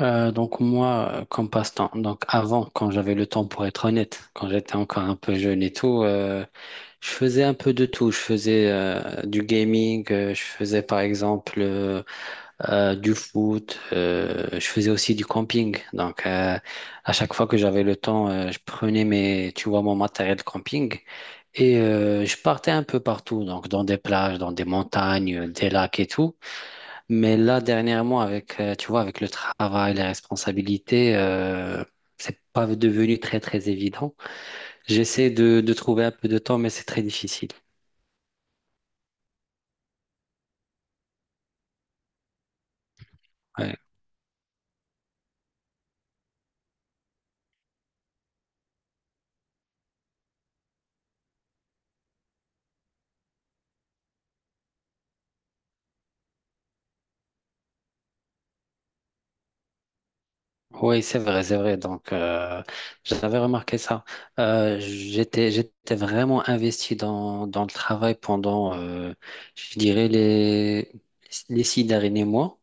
Donc moi, comme passe-temps, donc avant, quand j'avais le temps pour être honnête, quand j'étais encore un peu jeune et tout, je faisais un peu de tout. Je faisais du gaming, je faisais par exemple du foot, je faisais aussi du camping. Donc, à chaque fois que j'avais le temps, je prenais mes, tu vois, mon matériel de camping et je partais un peu partout, donc dans des plages, dans des montagnes, des lacs et tout. Mais là, dernièrement, avec, tu vois, avec le travail, les responsabilités, c'est pas devenu très, très évident. J'essaie de trouver un peu de temps, mais c'est très difficile. Ouais. Oui, c'est vrai, c'est vrai. Donc, j'avais remarqué ça. J'étais vraiment investi dans le travail pendant, je dirais, les 6 derniers mois.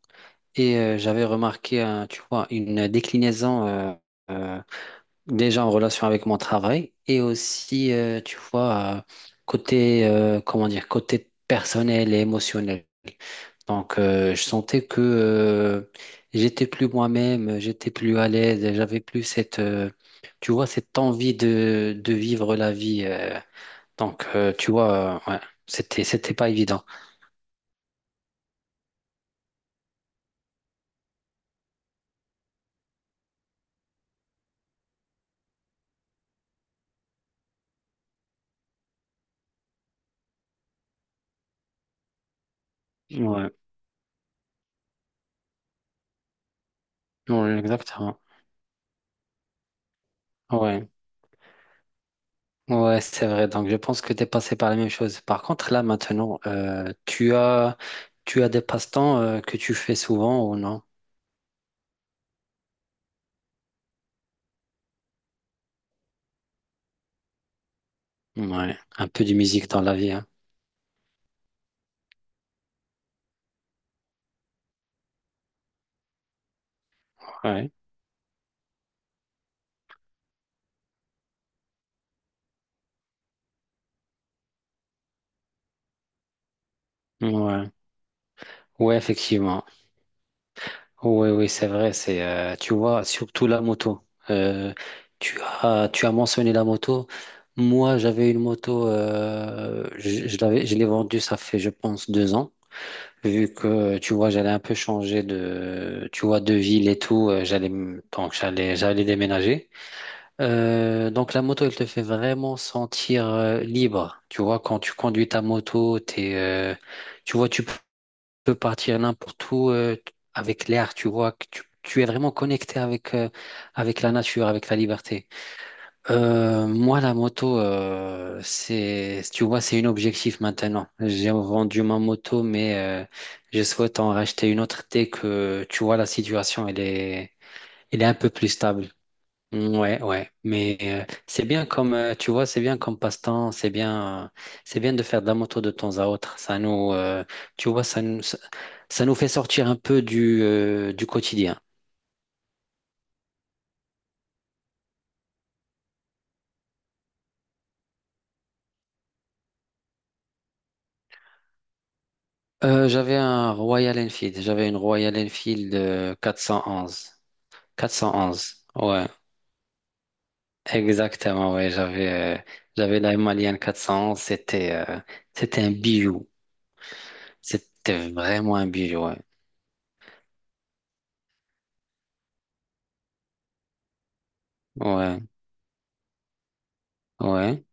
Et j'avais remarqué, tu vois, une déclinaison, euh, déjà en relation avec mon travail et aussi, tu vois, côté, comment dire, côté personnel et émotionnel. Donc, je sentais que j'étais plus moi-même, j'étais plus à l'aise, et j'avais plus cette, tu vois, cette envie de vivre la vie. Donc, tu vois, ouais, c'était pas évident. Ouais. Ouais, exactement. Ouais. Ouais, c'est vrai. Donc, je pense que tu es passé par la même chose. Par contre, là, maintenant, tu as des passe-temps que tu fais souvent ou non? Ouais, un peu de musique dans la vie, hein. Ouais, ouais, ouais, effectivement. Oui, oui, c'est vrai. C'est, tu vois, surtout la moto. Euh, tu as mentionné la moto. Moi, j'avais une moto. Je l'avais, je l'ai vendue. Ça fait, je pense, 2 ans. Vu que, tu vois, j'allais un peu changer de, tu vois, de ville et tout, j'allais déménager. Donc la moto, elle te fait vraiment sentir libre. Tu vois, quand tu conduis ta moto, t'es, tu vois, peux partir n'importe où avec l'air. Tu vois, que tu es vraiment connecté avec la nature, avec la liberté. Moi, la moto, c'est, tu vois, c'est un objectif maintenant. J'ai vendu ma moto, mais euh, je souhaite en racheter une autre dès que, tu vois, la situation, elle est un peu plus stable. Mm, ouais, ouais. Mais c'est bien comme, tu vois, c'est bien comme passe-temps. C'est bien de faire de la moto de temps à autre. Ça nous, tu vois, ça nous, ça nous fait sortir un peu du quotidien. J'avais un Royal Enfield. J'avais une Royal Enfield 411. 411, ouais, exactement, ouais, j'avais la Malienne 411, c'était un bijou, c'était vraiment un bijou, ouais, ouais, ouais,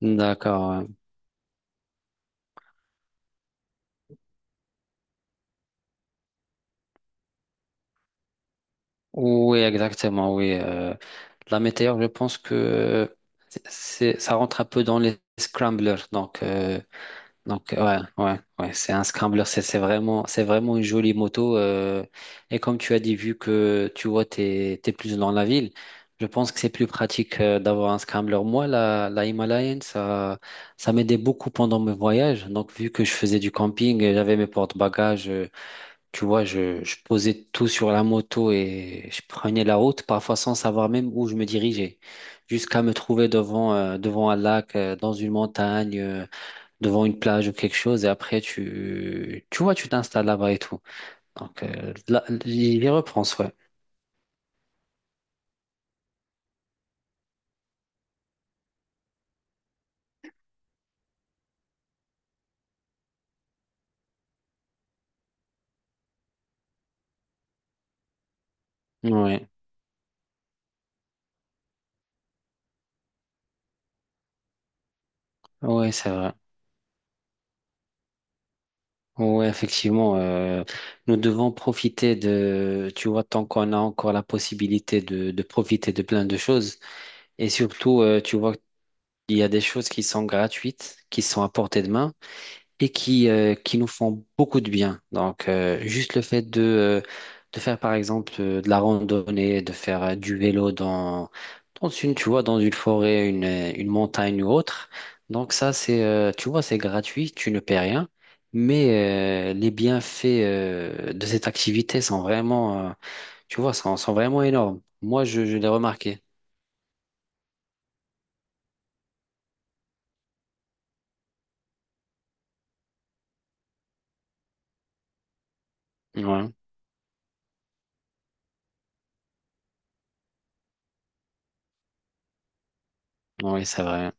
d'accord, ouais. Oui, exactement, oui, la météore, je pense que ça rentre un peu dans les scramblers. Donc ouais, ouais, ouais, c'est un scrambler, c'est vraiment, c'est vraiment une jolie moto. Et comme tu as dit, vu que tu vois, t'es plus dans la ville, je pense que c'est plus pratique d'avoir un scrambler. Moi, la Himalayan, ça m'aidait beaucoup pendant mes voyages. Donc vu que je faisais du camping, et j'avais mes porte-bagages, tu vois, je posais tout sur la moto et je prenais la route, parfois sans savoir même où je me dirigeais, jusqu'à me trouver devant un lac, dans une montagne, devant une plage ou quelque chose et après tu vois, tu t'installes là-bas et tout. Donc, là, j'y repense, ouais. Ouais, ouais, c'est vrai. Ouais, effectivement, nous devons profiter de, tu vois, tant qu'on a encore la possibilité de profiter de plein de choses. Et surtout, tu vois, il y a des choses qui sont gratuites, qui sont à portée de main. Et qui nous font beaucoup de bien. Donc, juste le fait de faire, par exemple, de la randonnée, de faire du vélo dans une, tu vois, dans une forêt, une montagne ou autre. Donc, ça, tu vois, c'est gratuit, tu ne paies rien. Mais les bienfaits de cette activité sont vraiment, tu vois, sont vraiment énormes. Moi, je l'ai remarqué. Ouais, oui, c'est vrai.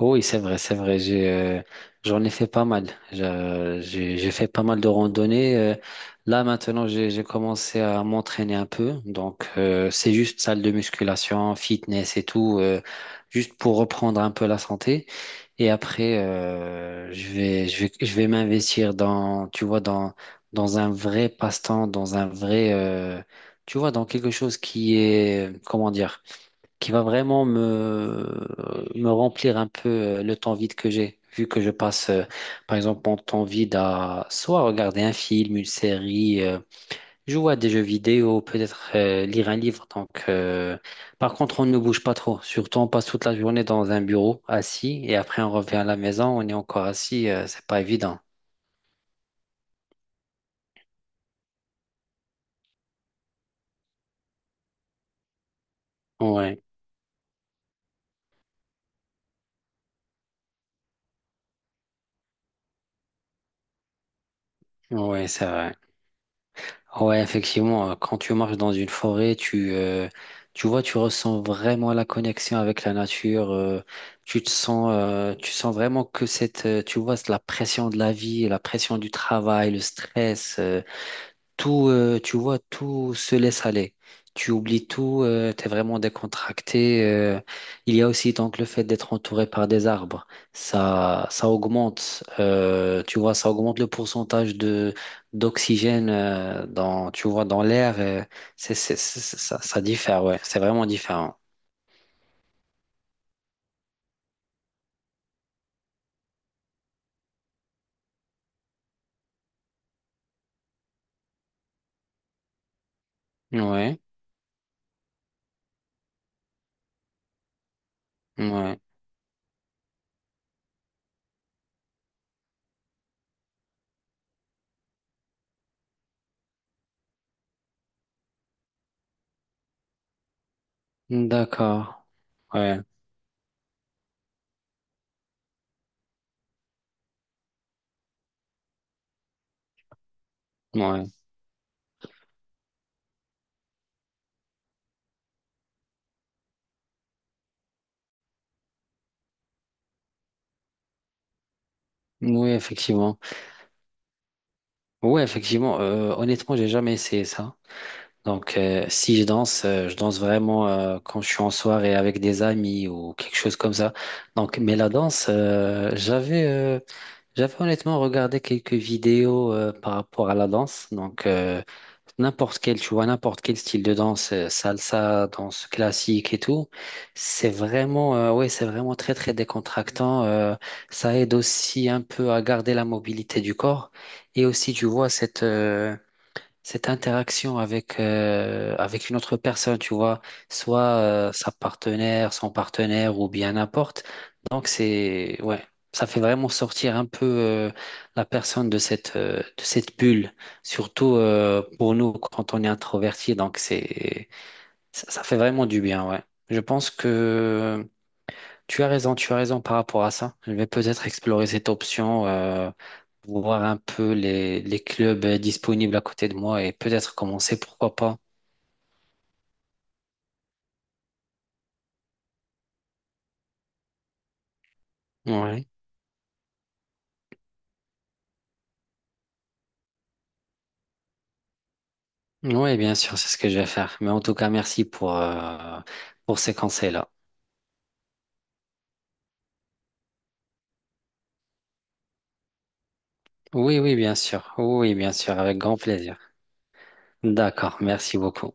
Oui, c'est vrai, c'est vrai. J'en ai fait pas mal. J'ai fait pas mal de randonnées. Là, maintenant, j'ai commencé à m'entraîner un peu. Donc, c'est juste salle de musculation, fitness et tout, juste pour reprendre un peu la santé. Et après, je vais m'investir dans, tu vois, dans un vrai passe-temps, dans un vrai, tu vois, dans quelque chose qui est, comment dire, qui va vraiment me remplir un peu le temps vide que j'ai. Vu que je passe, par exemple, mon temps vide à soit regarder un film, une série, jouer à des jeux vidéo, peut-être lire un livre. Donc, par contre, on ne bouge pas trop. Surtout, on passe toute la journée dans un bureau assis et après, on revient à la maison, on est encore assis. C'est pas évident. Ouais, ouais, c'est vrai. Ouais, effectivement, quand tu marches dans une forêt, tu vois, tu ressens vraiment la connexion avec la nature. Tu sens vraiment que cette, tu vois, c'est la pression de la vie, la pression du travail, le stress. Tout, tu vois, tout se laisse aller. Tu oublies tout, t'es vraiment décontracté. Il y a aussi donc le fait d'être entouré par des arbres. Tu vois, ça augmente le pourcentage de d'oxygène dans, tu vois, dans l'air. Ça diffère, ouais. C'est vraiment différent. Ouais, ouais. D'accord. Ouais, ouais. Oui, effectivement. Ouais, effectivement. Honnêtement, j'ai jamais essayé ça. Donc, si je danse, je danse vraiment quand je suis en soirée avec des amis ou quelque chose comme ça. Donc, mais la danse, j'avais honnêtement regardé quelques vidéos par rapport à la danse. Donc, n'importe quel, tu vois, n'importe quel style de danse, salsa, danse classique et tout, c'est vraiment, ouais, c'est vraiment très, très décontractant. Ça aide aussi un peu à garder la mobilité du corps. Et aussi, tu vois, cette interaction avec une autre personne, tu vois, soit sa partenaire, son partenaire ou bien n'importe. Donc, c'est, ouais, ça fait vraiment sortir un peu la personne de de cette bulle, surtout pour nous quand on est introverti. Donc, ça fait vraiment du bien, ouais. Je pense que tu as raison par rapport à ça. Je vais peut-être explorer cette option, voir un peu les clubs disponibles à côté de moi et peut-être commencer, pourquoi pas. Ouais. Oui, bien sûr, c'est ce que je vais faire. Mais en tout cas, merci pour ces conseils-là. Oui, oui, bien sûr. Oui, bien sûr, avec grand plaisir. D'accord, merci beaucoup.